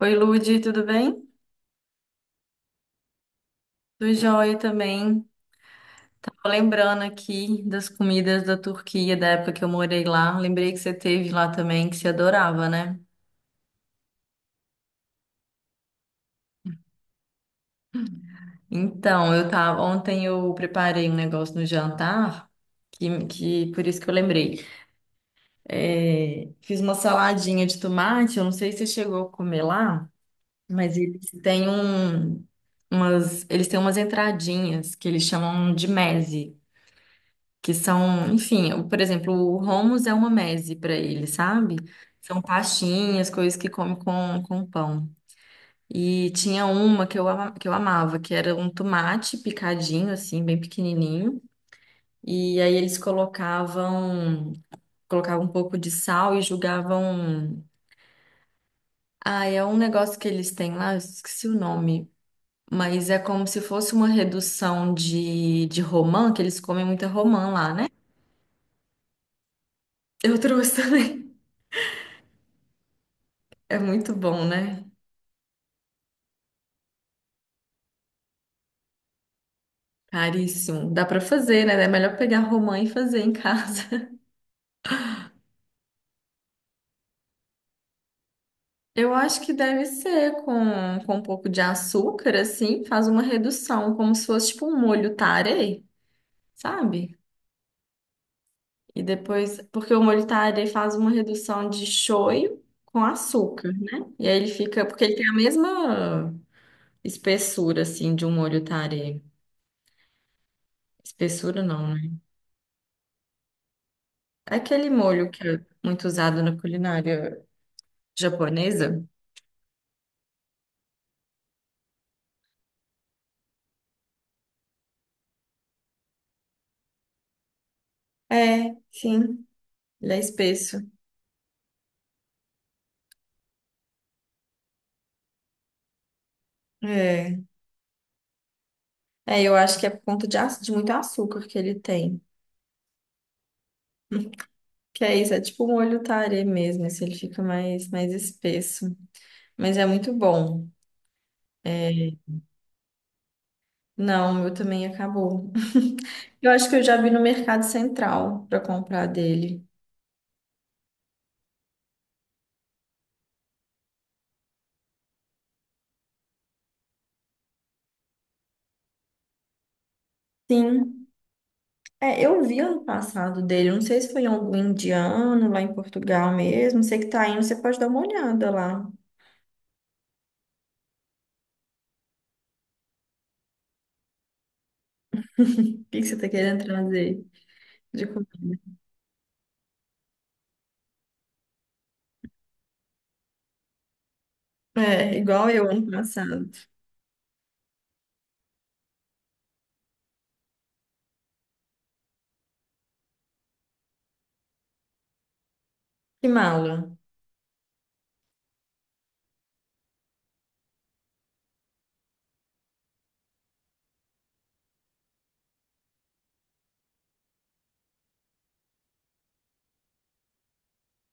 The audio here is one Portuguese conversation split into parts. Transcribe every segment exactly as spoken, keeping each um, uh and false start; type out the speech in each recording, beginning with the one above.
Oi, Lude, tudo bem? Tudo jóia também. Tava lembrando aqui das comidas da Turquia, da época que eu morei lá. Lembrei que você teve lá também, que você adorava, né? Então, eu tava, ontem eu preparei um negócio no jantar, que, que por isso que eu lembrei. É, fiz uma saladinha de tomate, eu não sei se você chegou a comer lá, mas eles têm um, umas, eles têm umas entradinhas que eles chamam de meze. Que são, enfim, o- por exemplo, o hummus é uma meze para ele, sabe? São pastinhas, coisas que come com, com pão. E tinha uma que eu, ama- que eu amava, que era um tomate picadinho, assim, bem pequenininho. E aí eles colocavam, colocavam um pouco de sal e jogavam. Ah, é um negócio que eles têm lá, eu esqueci o nome. Mas é como se fosse uma redução de, de romã, que eles comem muita romã lá, né? Eu trouxe também. É muito bom, né? Caríssimo. Dá pra fazer, né? É melhor pegar romã e fazer em casa. Eu acho que deve ser com, com um pouco de açúcar, assim, faz uma redução, como se fosse tipo um molho tare, sabe? E depois, porque o molho tare faz uma redução de shoyu com açúcar, né? E aí ele fica, porque ele tem a mesma espessura, assim, de um molho tare. Espessura não, né? É aquele molho que é muito usado na culinária japonesa. É, sim. Ele é espesso. É. É, eu acho que é por conta de, aç- de muito açúcar que ele tem. Que é isso, é tipo um molho tarê mesmo, esse ele fica mais, mais espesso. Mas é muito bom. É, não, o meu também acabou. Eu acho que eu já vi no Mercado Central para comprar dele. Sim. É, eu vi ano passado dele, não sei se foi em algum indiano lá em Portugal mesmo. Sei que tá indo, você pode dar uma olhada lá. O que que você tá querendo trazer de comida? É, igual eu ano passado. Que mala.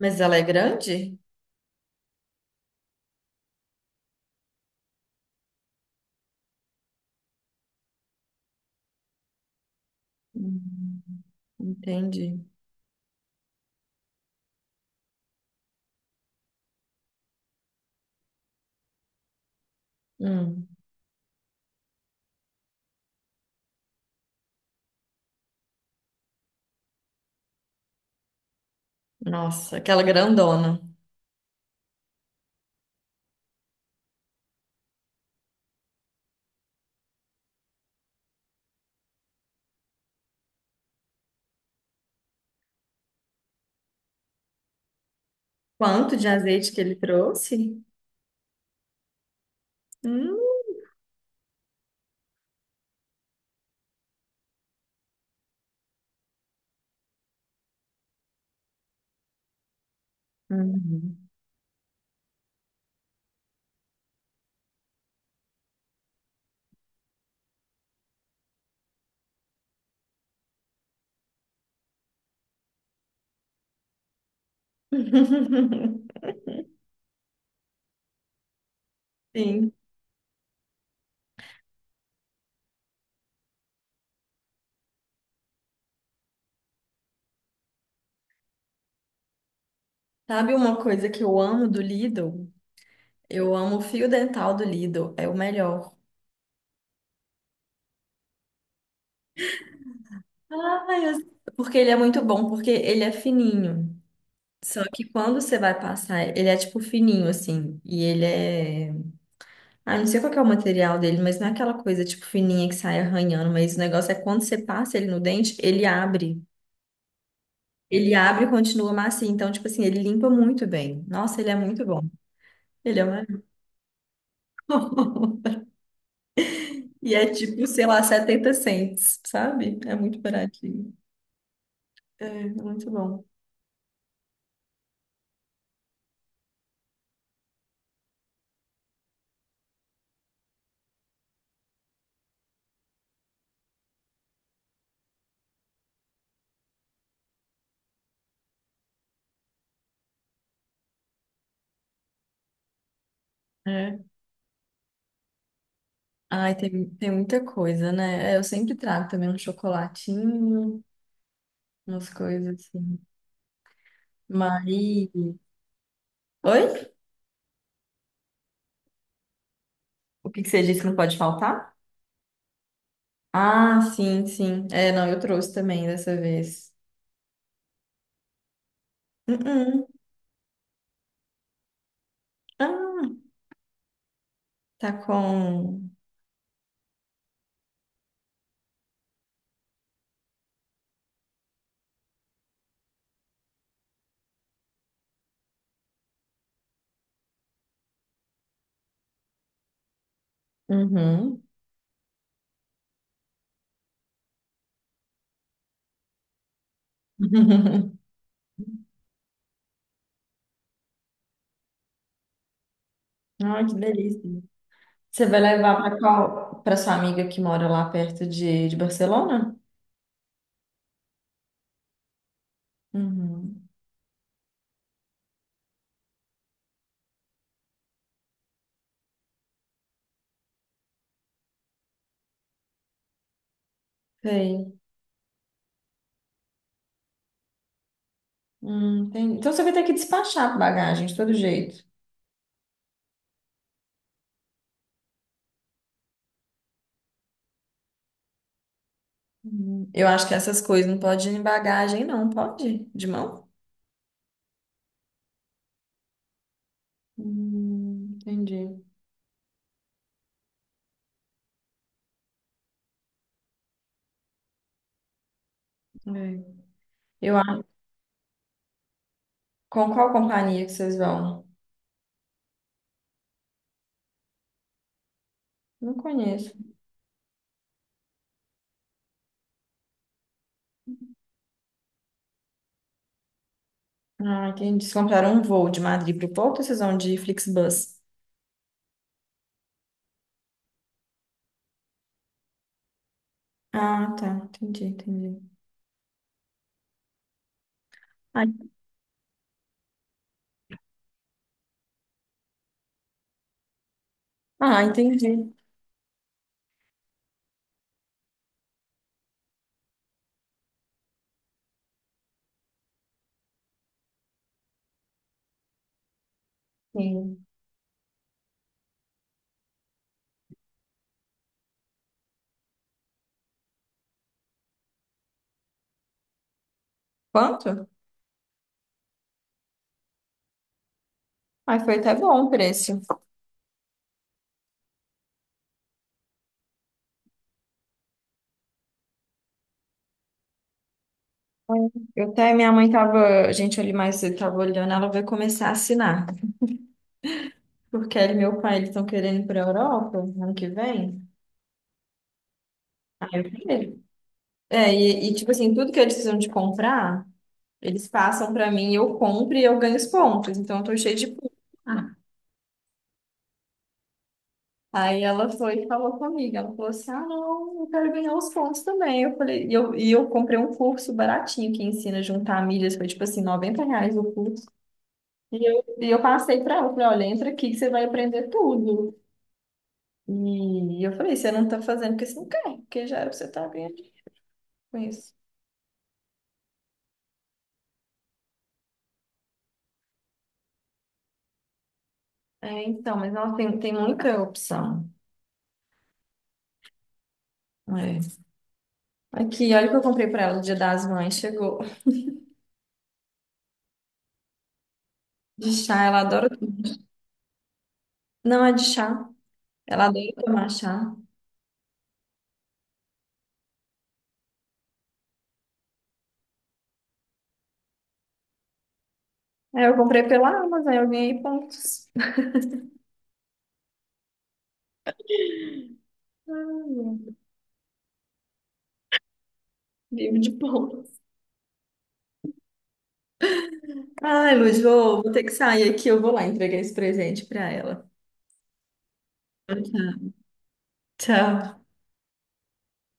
Mas ela é grande? Hum, entendi. Hum, nossa, aquela grandona. Quanto de azeite que ele trouxe? Hum. Uhum. Sim. Sabe uma coisa que eu amo do Lidl? Eu amo o fio dental do Lidl, é o melhor. Ai, eu- porque ele é muito bom, porque ele é fininho. Só que quando você vai passar, ele é tipo fininho assim, e ele é Ah, não sei qual que é o material dele, mas não é aquela coisa tipo fininha que sai arranhando, mas o negócio é quando você passa ele no dente, ele abre. Ele abre e continua macio. Então, tipo assim, ele limpa muito bem. Nossa, ele é muito bom. Ele é maravilhoso. E é tipo, sei lá, setenta cents, sabe? É muito baratinho. É, muito bom. É. Ai, tem, tem muita coisa, né? É, eu sempre trago também um chocolatinho, umas coisas assim. Mas. Oi? O que que você disse que não pode faltar? Ah, sim, sim. É, não, eu trouxe também dessa vez. Uh-uh. Ah, tá com. Uhum. Ai, que delícia. Você vai levar para qual? Para sua amiga que mora lá perto de, de Barcelona? Uhum. Sei. Hum, tem... Então você vai ter que despachar bagagem de todo jeito. Hum, Eu acho que essas coisas não pode ir em bagagem, não, pode? De mão? Hum, entendi. É. Eu acho. Com qual companhia que vocês vão? Não conheço. Ah, entendi. Vocês compraram um voo de Madrid para o Porto, ou vocês vão de Flixbus? Ah, tá. Entendi, entendi. Ai, ah, entendi. Sim. Quanto? Ai, foi até bom o preço. Foi. Eu até, minha mãe tava, a gente, ali mais cedo tava olhando, ela vai começar a assinar. Porque ele e meu pai, eles estão querendo ir pra Europa ano que vem. Aí eu falei. É, e, e, tipo assim, tudo que eles precisam de comprar, eles passam pra mim, eu compro e eu ganho os pontos. Então eu tô cheia de pontos. Aí ela foi e falou comigo, ela falou assim, ah, não, eu quero ganhar os pontos também. Eu falei, e eu, e eu comprei um curso baratinho que ensina a juntar milhas, foi tipo assim, noventa reais o curso. E eu, e eu passei para ela, falei, olha, entra aqui que você vai aprender tudo. E eu falei, você não tá fazendo porque você não quer, porque já era pra você tá ganhando com isso. É, então, mas ela tem, tem muita opção. É. Aqui, olha o que eu comprei para ela no Dia das Mães, chegou. De chá, ela adora. Não é de chá, ela adora tomar chá. Aí eu comprei pela Amazon, eu ganhei pontos. Ai, vivo de pontos. Ai, Luz, vou, vou ter que sair aqui, eu vou lá entregar esse presente pra ela. Tá. Tchau.